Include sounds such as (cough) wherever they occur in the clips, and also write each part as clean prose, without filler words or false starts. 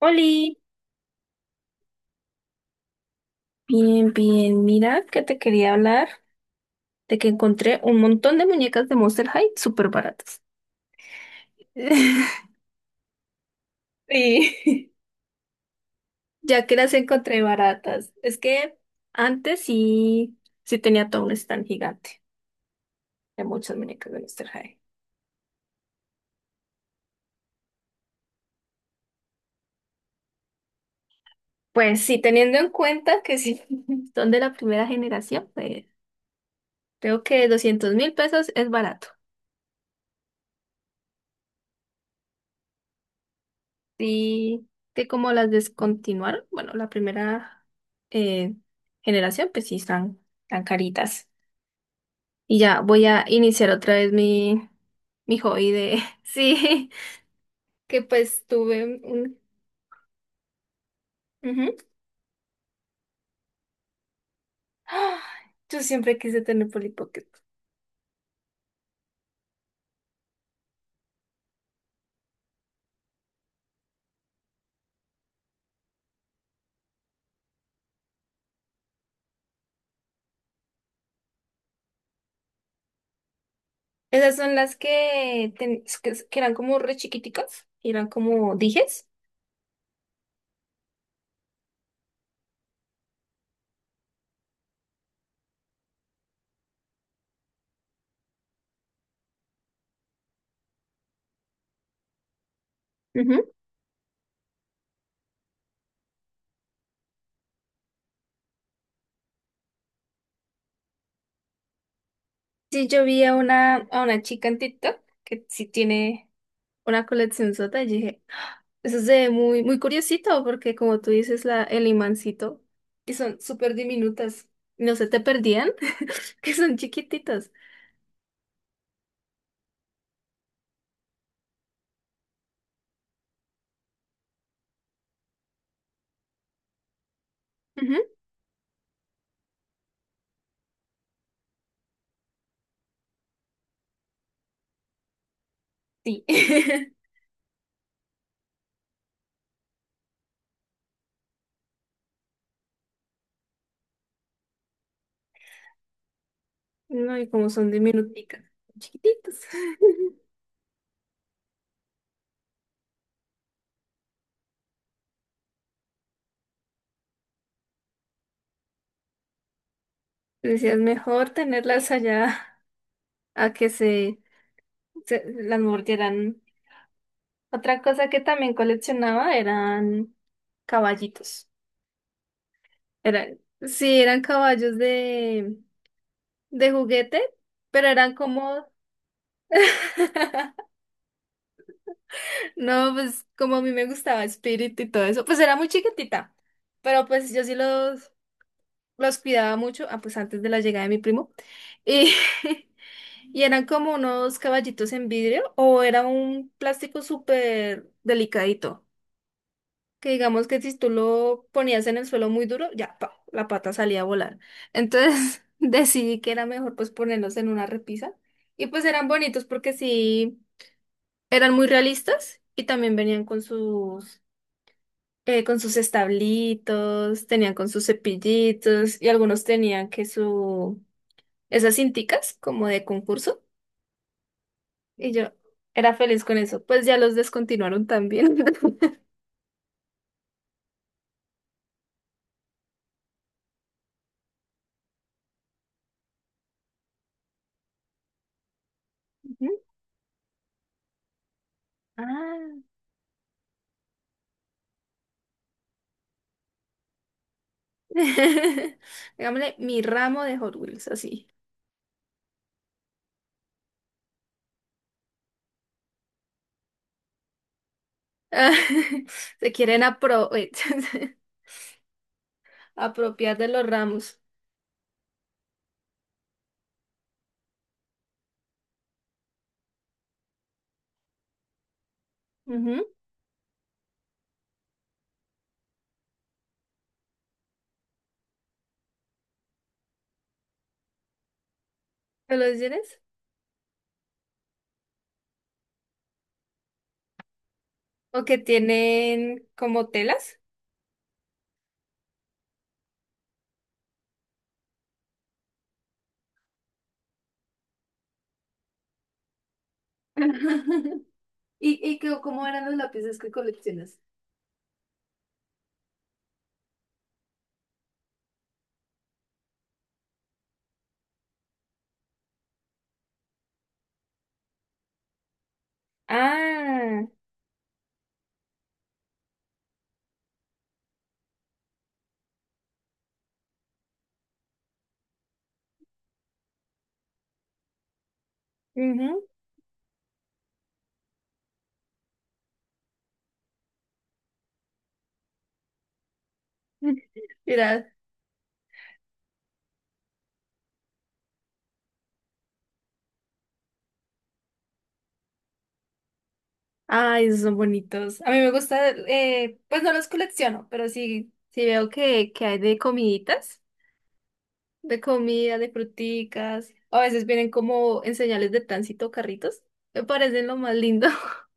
Oli, bien. Mira que te quería hablar de que encontré un montón de muñecas de Monster High súper baratas. (laughs) Sí, ya que las encontré baratas. Es que antes sí, sí tenía todo un stand gigante de muchas muñecas de Monster High. Pues sí, teniendo en cuenta que sí (laughs) son de la primera generación, pues creo que 200.000 pesos es barato. Sí, que como las descontinuaron, bueno, la primera eh, generación, pues sí están tan caritas. Y ya voy a iniciar otra vez mi hobby de, (laughs) sí, que pues tuve un... ujú. ¡Ah! Yo siempre quise tener Polly Pocket. Esas son las que eran como re chiquiticas, y eran como dijes. Ujú. Sí, yo vi a a una chica en TikTok que sí tiene... una colección sota y dije, "Ah, eso es de muy curiosito porque como tú dices, el imancito, y son súper diminutas, no se te perdían, (laughs) que son chiquititas. Ujú. Sí. (laughs) No, y como son diminuticas, chiquititas. (laughs) Decías, mejor tenerlas allá a que se las mordieran. Otra cosa que también coleccionaba eran caballitos. Eran, sí, eran caballos de juguete, pero eran como... (laughs) No, pues como a mí me gustaba Spirit y todo eso, pues era muy chiquitita, pero pues yo sí los cuidaba mucho, ah, pues antes de la llegada de mi primo, y, (laughs) y eran como unos caballitos en vidrio o era un plástico súper delicadito. Que digamos que si tú lo ponías en el suelo muy duro, ya, pa, la pata salía a volar. Entonces (laughs) decidí que era mejor pues ponerlos en una repisa. Y pues eran bonitos porque sí, eran muy realistas y también venían con con sus establitos, tenían con sus cepillitos y algunos tenían que esas cinticas como de concurso. Y yo era feliz con eso. Pues ya los descontinuaron también. (laughs) Ujú. Ah, (laughs) digámosle, mi ramo de Hot Wheels, así. (laughs) Se quieren apro- (laughs) apropiar de los ramos. Ujú. ¿Me lo dices? O que tienen como telas. (laughs) ¿Y, y qué- cómo eran los lápices que coleccionas? Ah, ujú. (laughs) Mira, ay, esos son bonitos. A mí me gusta, pues no los colecciono, pero sí, sí veo que hay de comiditas, de comida, de fruticas. A veces vienen como en señales de tránsito carritos. Me parecen lo más lindo. (laughs)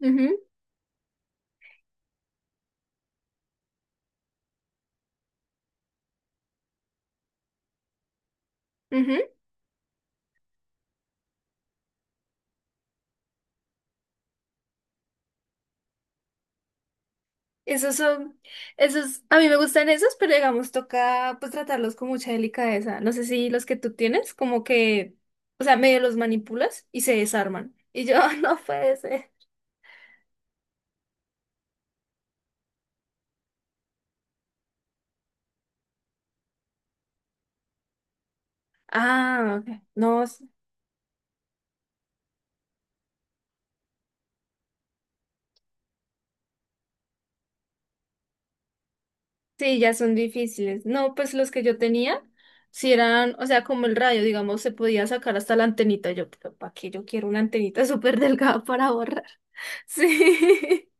Ujú, ujú. Esos son, esos, a mí me gustan esos, pero digamos, toca pues tratarlos con mucha delicadeza. No sé si los que tú tienes, como que, o sea, medio los manipulas y se desarman. Y yo, (laughs) no puede ser. Ah, ok. No. Sí, ya son difíciles. No, pues los que yo tenía, si eran, o sea, como el radio, digamos, se podía sacar hasta la antenita. Yo, pero ¿para qué yo quiero una antenita (laughs) súper delgada para borrar? (laughs) Sí.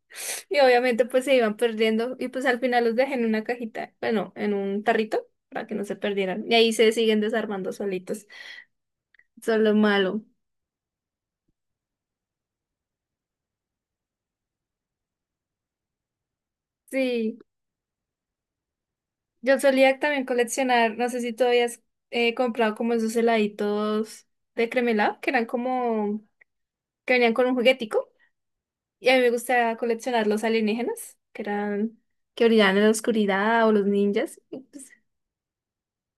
Y obviamente pues se iban perdiendo y pues al final los dejé en una cajita, bueno, en un tarrito para que no se perdieran. Y ahí se siguen desarmando solitos. Eso es lo malo. Sí, yo solía también coleccionar, no sé si todavía has comprado como esos heladitos de cremelado, que eran como, que venían con un juguetico. Y a mí me gusta coleccionar los alienígenas, que eran, que brillaban en la oscuridad, o los ninjas, y, pues,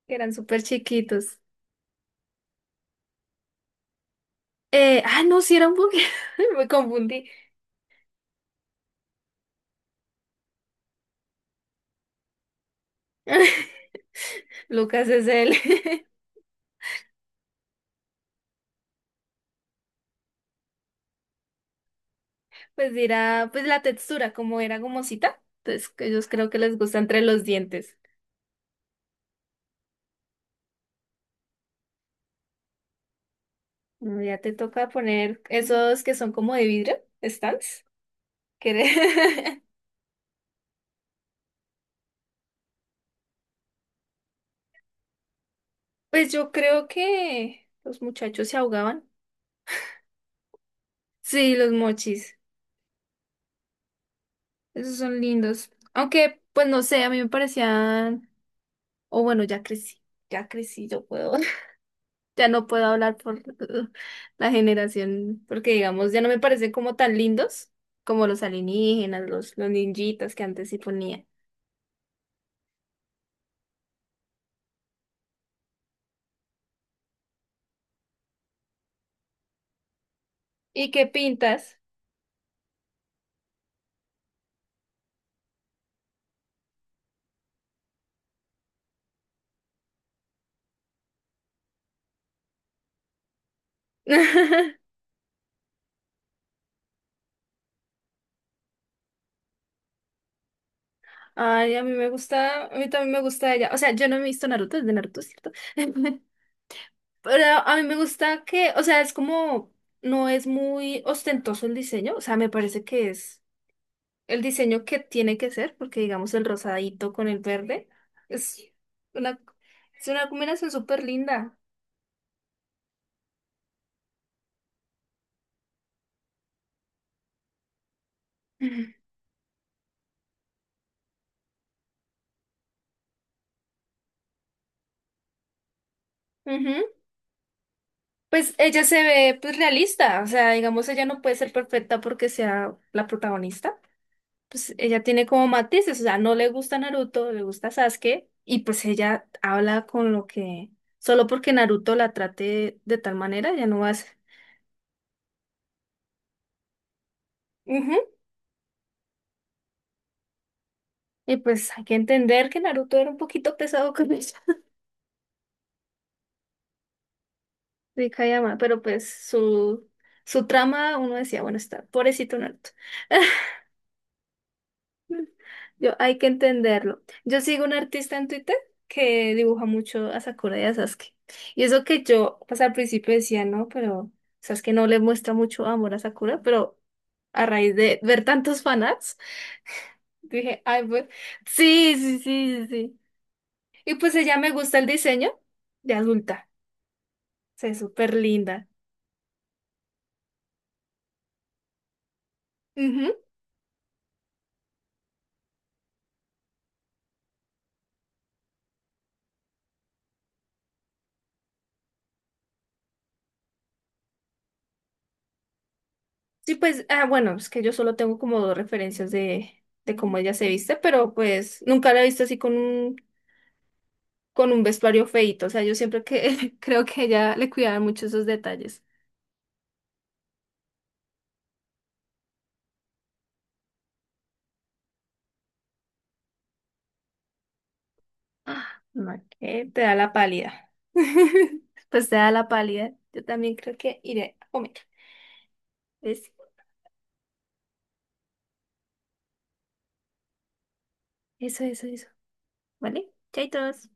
que eran súper chiquitos. No, sí eran Pokémon, (laughs) me confundí. (laughs) Lucas es él. (laughs) Pues dirá, pues la textura, como era gomosita, entonces que ellos creo que les gusta entre los dientes. Bueno, ya te toca poner esos que son como de vidrio, stands. Que de- (laughs) pues yo creo que los muchachos se ahogaban. Sí, los mochis. Esos son lindos. Aunque, pues no sé, a mí me parecían, o bueno, ya crecí, yo puedo, (laughs) ya no puedo hablar por (laughs) la generación, porque digamos, ya no me parecen como tan lindos como los alienígenas, los ninjitas que antes sí ponía. ¿Y qué pintas? (laughs) Ay, a mí me gusta, a mí también me gusta ella. O sea, yo no he visto Naruto, es de Naruto, ¿cierto? (laughs) Pero a mí me gusta que, o sea, es como, no es muy ostentoso el diseño, o sea, me parece que es el diseño que tiene que ser, porque digamos el rosadito con el verde es una, es una combinación súper linda. Ujú. Ujú. Pues ella se ve pues realista, o sea, digamos ella no puede ser perfecta porque sea la protagonista. Pues ella tiene como matices, o sea, no le gusta Naruto, le gusta Sasuke y pues ella habla con lo que solo porque Naruto la trate de tal manera, ya no va a ser. Ujú. Y pues hay que entender que Naruto era un poquito pesado con ella. De Kayama, pero pues su trama, uno decía, bueno, está pobrecito Naruto. (laughs) Yo, hay que entenderlo. Yo sigo un artista en Twitter que dibuja mucho a Sakura y a Sasuke. Y eso que yo, pues al principio decía, no, pero Sasuke no le muestra mucho amor a Sakura, pero a raíz de ver tantos fanarts, (laughs) dije, ay, pues, sí". Y pues ella me gusta el diseño de adulta, se ve súper linda. Sí, pues, ah, bueno, es que yo solo tengo como dos referencias de cómo ella se viste, pero pues nunca la he visto así con un vestuario feíto. O sea, yo siempre que (laughs) creo que ella le cuidaba mucho esos detalles. Ah, no, que te da la pálida. (laughs) Pues te da la pálida. Yo también creo que iré a comer. ¿Ves? Eso. ¿Vale? Chaitos.